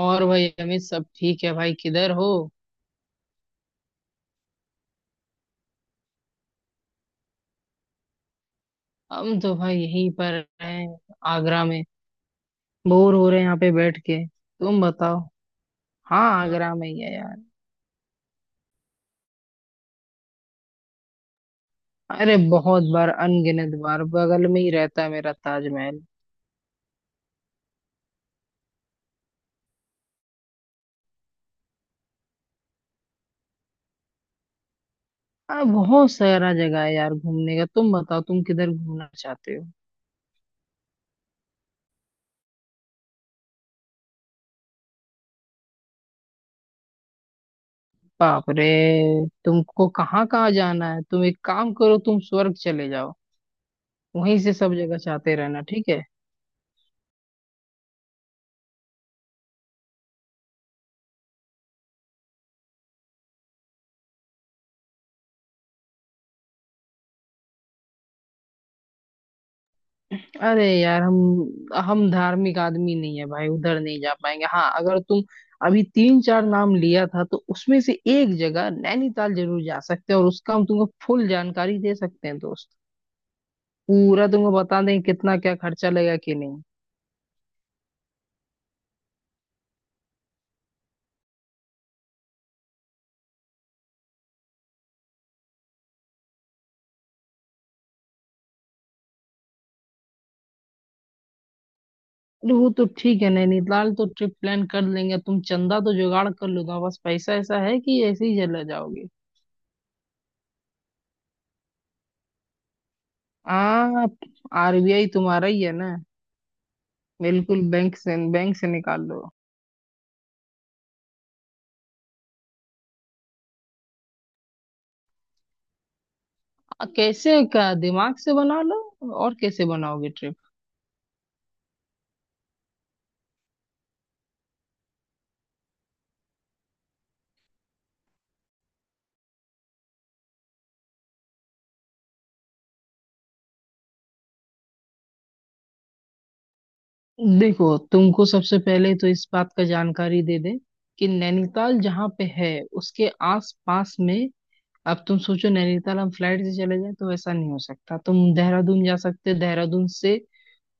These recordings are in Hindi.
और भाई अमित सब ठीक है भाई किधर हो। हम तो भाई यहीं पर हैं आगरा में। बोर हो रहे हैं यहाँ पे बैठ के, तुम बताओ। हाँ, आगरा में ही है यार। अरे बहुत बार अनगिनत बार बगल में ही रहता है मेरा ताजमहल। अरे बहुत सारा जगह है यार घूमने का, तुम बताओ तुम किधर घूमना चाहते हो। बाप रे, तुमको कहाँ कहाँ जाना है। तुम एक काम करो, तुम स्वर्ग चले जाओ। वहीं से सब जगह चाहते रहना, ठीक है। अरे यार, हम धार्मिक आदमी नहीं है भाई, उधर नहीं जा पाएंगे। हाँ अगर तुम अभी तीन चार नाम लिया था तो उसमें से एक जगह नैनीताल जरूर जा सकते हैं, और उसका हम तुमको फुल जानकारी दे सकते हैं दोस्त। पूरा तुमको बता दें कितना क्या खर्चा लगेगा कि नहीं। अरे वो तो ठीक है, नैनीताल तो ट्रिप प्लान कर लेंगे। तुम चंदा तो जुगाड़ कर लो ना, बस। पैसा ऐसा है कि ऐसे ही चला जाओगे? हाँ, आरबीआई तुम्हारा ही है ना। बिल्कुल, बैंक से निकाल लो। कैसे क्या? दिमाग से बना लो, और कैसे बनाओगे ट्रिप। देखो तुमको सबसे पहले तो इस बात का जानकारी दे दे कि नैनीताल जहाँ पे है उसके आस पास में। अब तुम सोचो नैनीताल हम फ्लाइट से चले जाए तो वैसा नहीं हो सकता। तुम देहरादून जा सकते, देहरादून से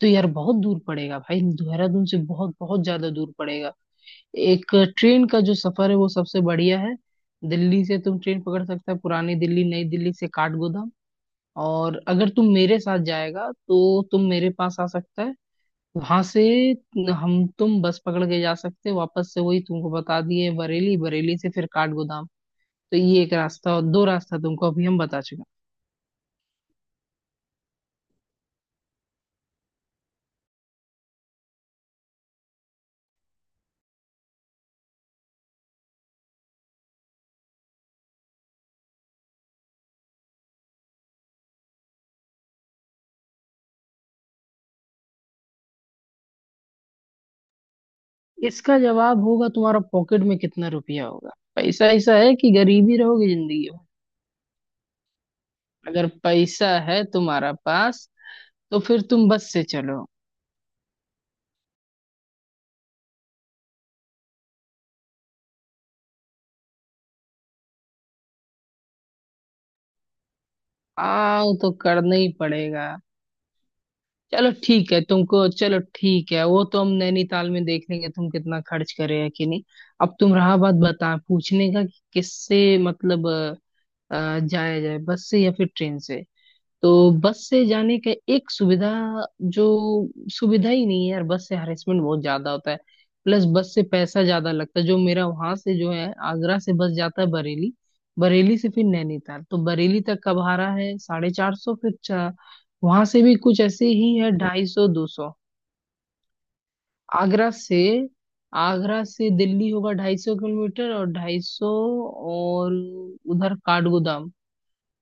तो यार बहुत दूर पड़ेगा भाई। देहरादून से बहुत बहुत ज्यादा दूर पड़ेगा। एक ट्रेन का जो सफर है वो सबसे बढ़िया है। दिल्ली से तुम ट्रेन पकड़ सकते हो, पुरानी दिल्ली नई दिल्ली से काठगोदाम। और अगर तुम मेरे साथ जाएगा तो तुम मेरे पास आ सकता है। वहां से हम तुम बस पकड़ के जा सकते हैं, वापस से वही तुमको बता दिए, बरेली, बरेली से फिर काठगोदाम। तो ये एक रास्ता और दो रास्ता तुमको अभी हम बता चुके हैं। इसका जवाब होगा तुम्हारा पॉकेट में कितना रुपया होगा। पैसा ऐसा है कि गरीबी रहोगे जिंदगी में। अगर पैसा है तुम्हारा पास तो फिर तुम बस से चलो। आओ तो करना ही पड़ेगा। चलो ठीक है, तुमको चलो ठीक है, वो तो हम नैनीताल में देख लेंगे तुम कितना खर्च कर रहे हो कि नहीं। अब तुम रहा बात बता पूछने का कि किससे मतलब जाया जाए बस से या फिर ट्रेन से। तो बस से जाने का एक सुविधा, जो सुविधा ही नहीं है यार। बस से हरेसमेंट बहुत ज्यादा होता है, प्लस बस से पैसा ज्यादा लगता है। जो मेरा वहां से जो है आगरा से बस जाता है बरेली, बरेली से फिर नैनीताल। तो बरेली तक का भाड़ा है 450, फिर वहां से भी कुछ ऐसे ही है, 250 200। आगरा से, आगरा से दिल्ली होगा 250 किलोमीटर, और 250 और उधर काठगोदाम,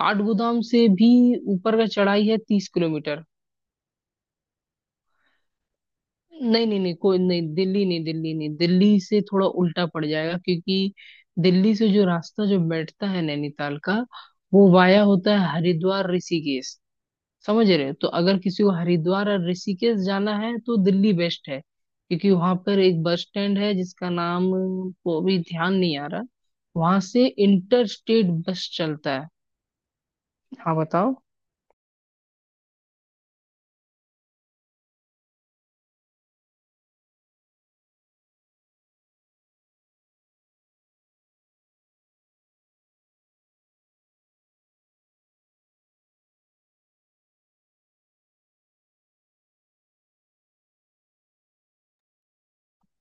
काठगोदाम से भी ऊपर का चढ़ाई है 30 किलोमीटर। नहीं नहीं नहीं, कोई नहीं, दिल्ली नहीं, दिल्ली नहीं, दिल्ली से थोड़ा उल्टा पड़ जाएगा क्योंकि दिल्ली से जो रास्ता जो बैठता है नैनीताल का, वो वाया होता है हरिद्वार ऋषिकेश। समझ रहे हो? तो अगर किसी को हरिद्वार और ऋषिकेश जाना है तो दिल्ली बेस्ट है, क्योंकि वहां पर एक बस स्टैंड है जिसका नाम को अभी ध्यान नहीं आ रहा। वहां से इंटर स्टेट बस चलता है। हाँ बताओ।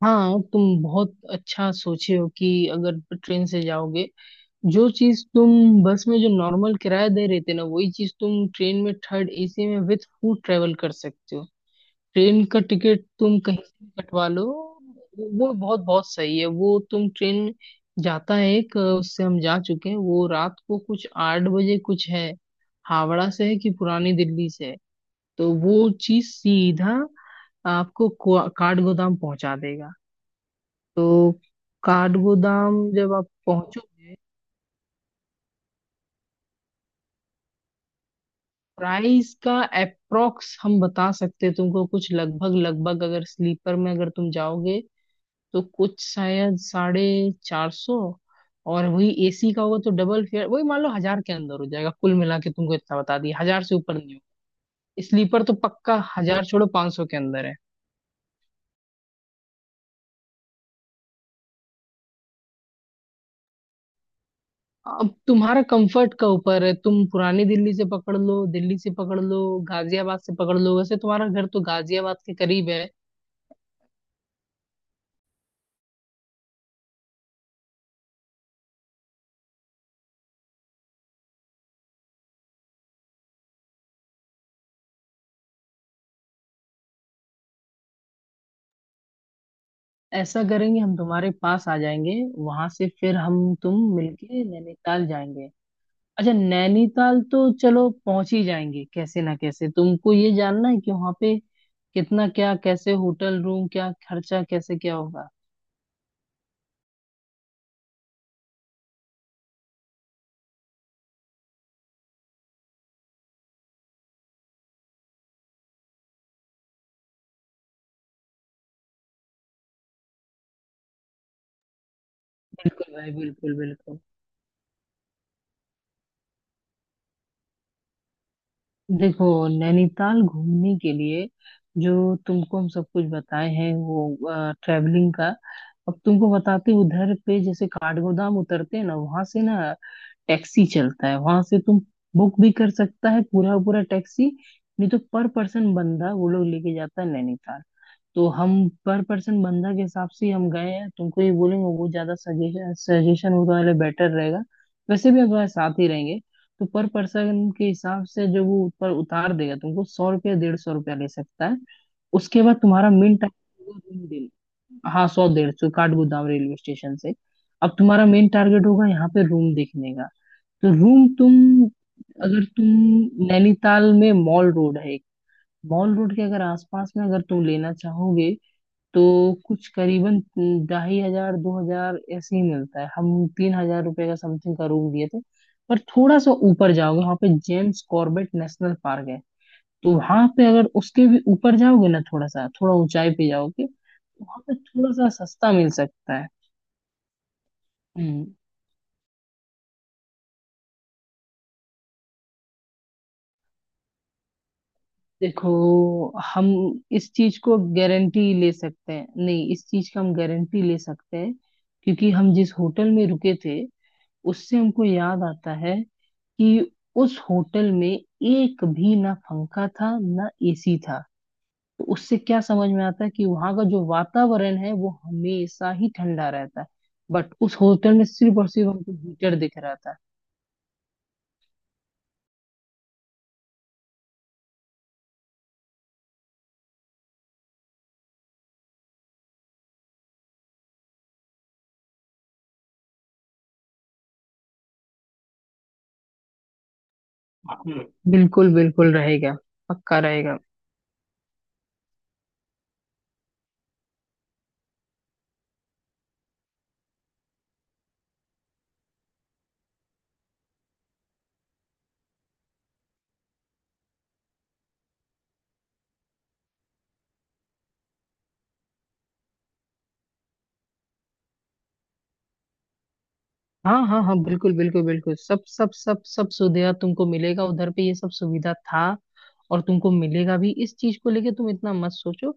हाँ तुम बहुत अच्छा सोचे हो कि अगर ट्रेन से जाओगे, जो चीज तुम बस में जो नॉर्मल किराया दे रहे थे ना, वही चीज तुम ट्रेन में थर्ड एसी में विथ फूड ट्रेवल कर सकते हो। ट्रेन का टिकट तुम कहीं से भी कटवा लो। वो बहुत बहुत सही है। वो तुम ट्रेन जाता है एक, उससे हम जा चुके हैं, वो रात को कुछ 8 बजे कुछ है। हावड़ा से है कि पुरानी दिल्ली से है। तो वो चीज सीधा आपको काठगोदाम पहुंचा देगा। तो काठगोदाम जब आप पहुंचोगे, प्राइस का अप्रोक्स हम बता सकते हैं तुमको। कुछ लगभग लगभग अगर स्लीपर में अगर तुम जाओगे तो कुछ शायद 450। और वही एसी का होगा तो डबल फेयर, वही मान लो 1000 के अंदर हो जाएगा। कुल मिला के तुमको इतना बता दिया, 1000 से ऊपर नहीं होगा। स्लीपर तो पक्का 1000 छोड़ो, 500 के अंदर है। अब तुम्हारा कंफर्ट का ऊपर है, तुम पुरानी दिल्ली से पकड़ लो, दिल्ली से पकड़ लो, गाजियाबाद से पकड़ लो। वैसे तुम्हारा घर तो गाजियाबाद के करीब है। ऐसा करेंगे हम तुम्हारे पास आ जाएंगे, वहां से फिर हम तुम मिलके नैनीताल जाएंगे। अच्छा नैनीताल तो चलो पहुंच ही जाएंगे कैसे ना कैसे। तुमको ये जानना है कि वहां पे कितना क्या कैसे होटल रूम क्या खर्चा कैसे क्या होगा। बिल्कुल भाई, बिल्कुल बिल्कुल। देखो नैनीताल घूमने के लिए, जो तुमको हम सब कुछ बताए हैं वो ट्रैवलिंग का। अब तुमको बताते उधर पे, जैसे काठगोदाम उतरते हैं ना वहां से ना टैक्सी चलता है। वहां से तुम बुक भी कर सकता है पूरा पूरा टैक्सी, नहीं तो पर पर्सन बंदा वो लोग लेके जाता है नैनीताल। तो हम पर पर्सन बंदा के हिसाब से ही हम गए हैं। तुमको ये बोलेंगे वो ज्यादा सजेशन, सजेशन वो वाले बेटर रहेगा। वैसे भी अगर साथ ही रहेंगे तो पर पर्सन के हिसाब से जो वो ऊपर उतार देगा, तुमको 100 रुपया 150 रुपया ले सकता है। उसके बाद तुम्हारा मेन टारगेट होगा रूम डील। हाँ, 100 150 काठगोदाम रेलवे स्टेशन से। अब तुम्हारा मेन टारगेट होगा यहाँ पे रूम देखने का। तो रूम तुम, अगर तुम नैनीताल में मॉल रोड है एक, मॉल रोड के अगर आसपास में अगर तुम लेना चाहोगे तो कुछ करीबन 2500 2000 ऐसे ही मिलता है। हम 3000 रुपये का समथिंग का रूम दिए थे। पर थोड़ा सा ऊपर जाओगे वहाँ पे जेम्स कॉर्बेट नेशनल पार्क है। तो वहाँ पे अगर उसके भी ऊपर जाओगे ना, थोड़ा सा थोड़ा ऊंचाई पे जाओगे तो वहाँ पे थोड़ा सा सस्ता मिल सकता है। हम्म। देखो, हम इस चीज को गारंटी ले सकते हैं नहीं, इस चीज का हम गारंटी ले सकते हैं क्योंकि हम जिस होटल में रुके थे, उससे हमको याद आता है कि उस होटल में एक भी ना पंखा था ना एसी था। तो उससे क्या समझ में आता है कि वहां का जो वातावरण है वो हमेशा ही ठंडा रहता है। बट उस होटल में सिर्फ और सिर्फ हमको हीटर दिख रहा था। हम्म। बिल्कुल बिल्कुल रहेगा, पक्का रहेगा। हाँ हाँ हाँ, बिल्कुल बिल्कुल बिल्कुल, सब सब सब सब सुविधा तुमको मिलेगा उधर पे। ये सब सुविधा था, और तुमको मिलेगा भी। इस चीज को लेके तुम इतना मत सोचो।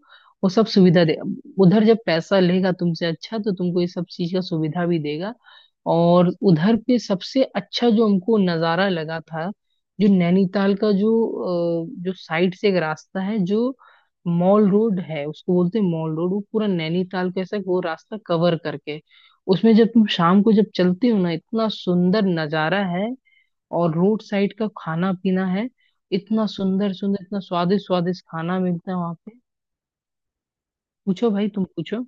वो सब सुविधा दे, उधर जब पैसा लेगा तुमसे अच्छा तो तुमको ये सब चीज का सुविधा भी देगा। और उधर पे सबसे अच्छा जो हमको नजारा लगा था, जो नैनीताल का जो जो साइड से एक रास्ता है, जो मॉल रोड है, उसको बोलते हैं मॉल रोड, वो पूरा नैनीताल को ऐसा वो रास्ता कवर करके, उसमें जब तुम शाम को जब चलते हो ना, इतना सुंदर नजारा है। और रोड साइड का खाना पीना है, इतना सुंदर सुंदर इतना स्वादिष्ट स्वादिष्ट खाना मिलता है वहां पे। पूछो भाई तुम पूछो।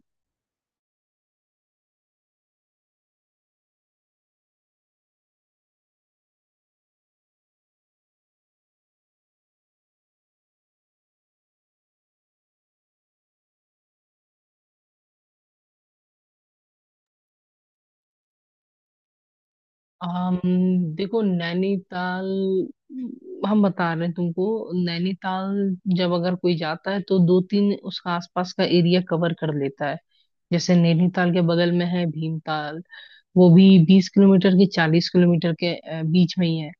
आम, देखो नैनीताल, हम बता रहे हैं तुमको, नैनीताल जब अगर कोई जाता है तो दो तीन उसका आसपास का एरिया कवर कर लेता है। जैसे नैनीताल के बगल में है भीमताल। वो भी 20 किलोमीटर की 40 किलोमीटर के बीच में ही है।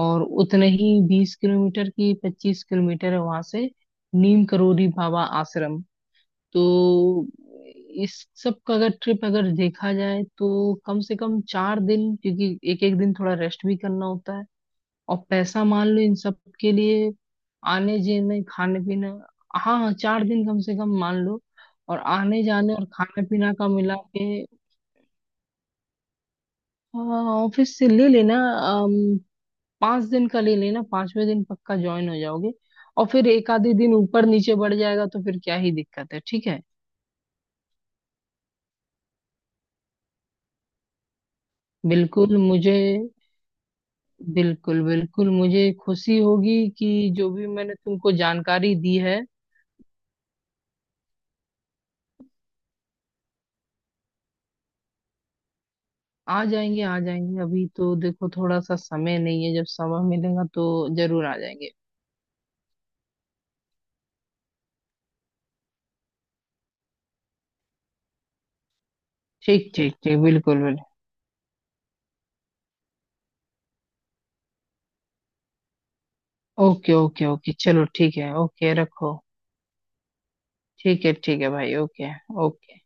और उतने ही 20 किलोमीटर की 25 किलोमीटर है वहां से नीम करोली बाबा आश्रम। तो इस सब का अगर ट्रिप अगर देखा जाए तो कम से कम 4 दिन, क्योंकि एक एक दिन थोड़ा रेस्ट भी करना होता है। और पैसा मान लो इन सब के लिए, आने जाने खाने पीने। हाँ हाँ, 4 दिन कम से कम मान लो। और आने जाने और खाने पीना का मिला के, हाँ ऑफिस से ले लेना। अम, 5 दिन का ले लेना, 5वें दिन पक्का ज्वाइन हो जाओगे। और फिर एक आधे दिन ऊपर नीचे बढ़ जाएगा तो फिर क्या ही दिक्कत है, ठीक है। बिल्कुल मुझे, बिल्कुल बिल्कुल मुझे खुशी होगी कि जो भी मैंने तुमको जानकारी दी है। आ जाएंगे आ जाएंगे, अभी तो देखो थोड़ा सा समय नहीं है, जब समय मिलेगा तो जरूर आ जाएंगे। ठीक ठीक ठीक, बिल्कुल बिल्कुल। ओके ओके ओके, चलो ठीक है, ओके रखो। ठीक है भाई, ओके। ओके।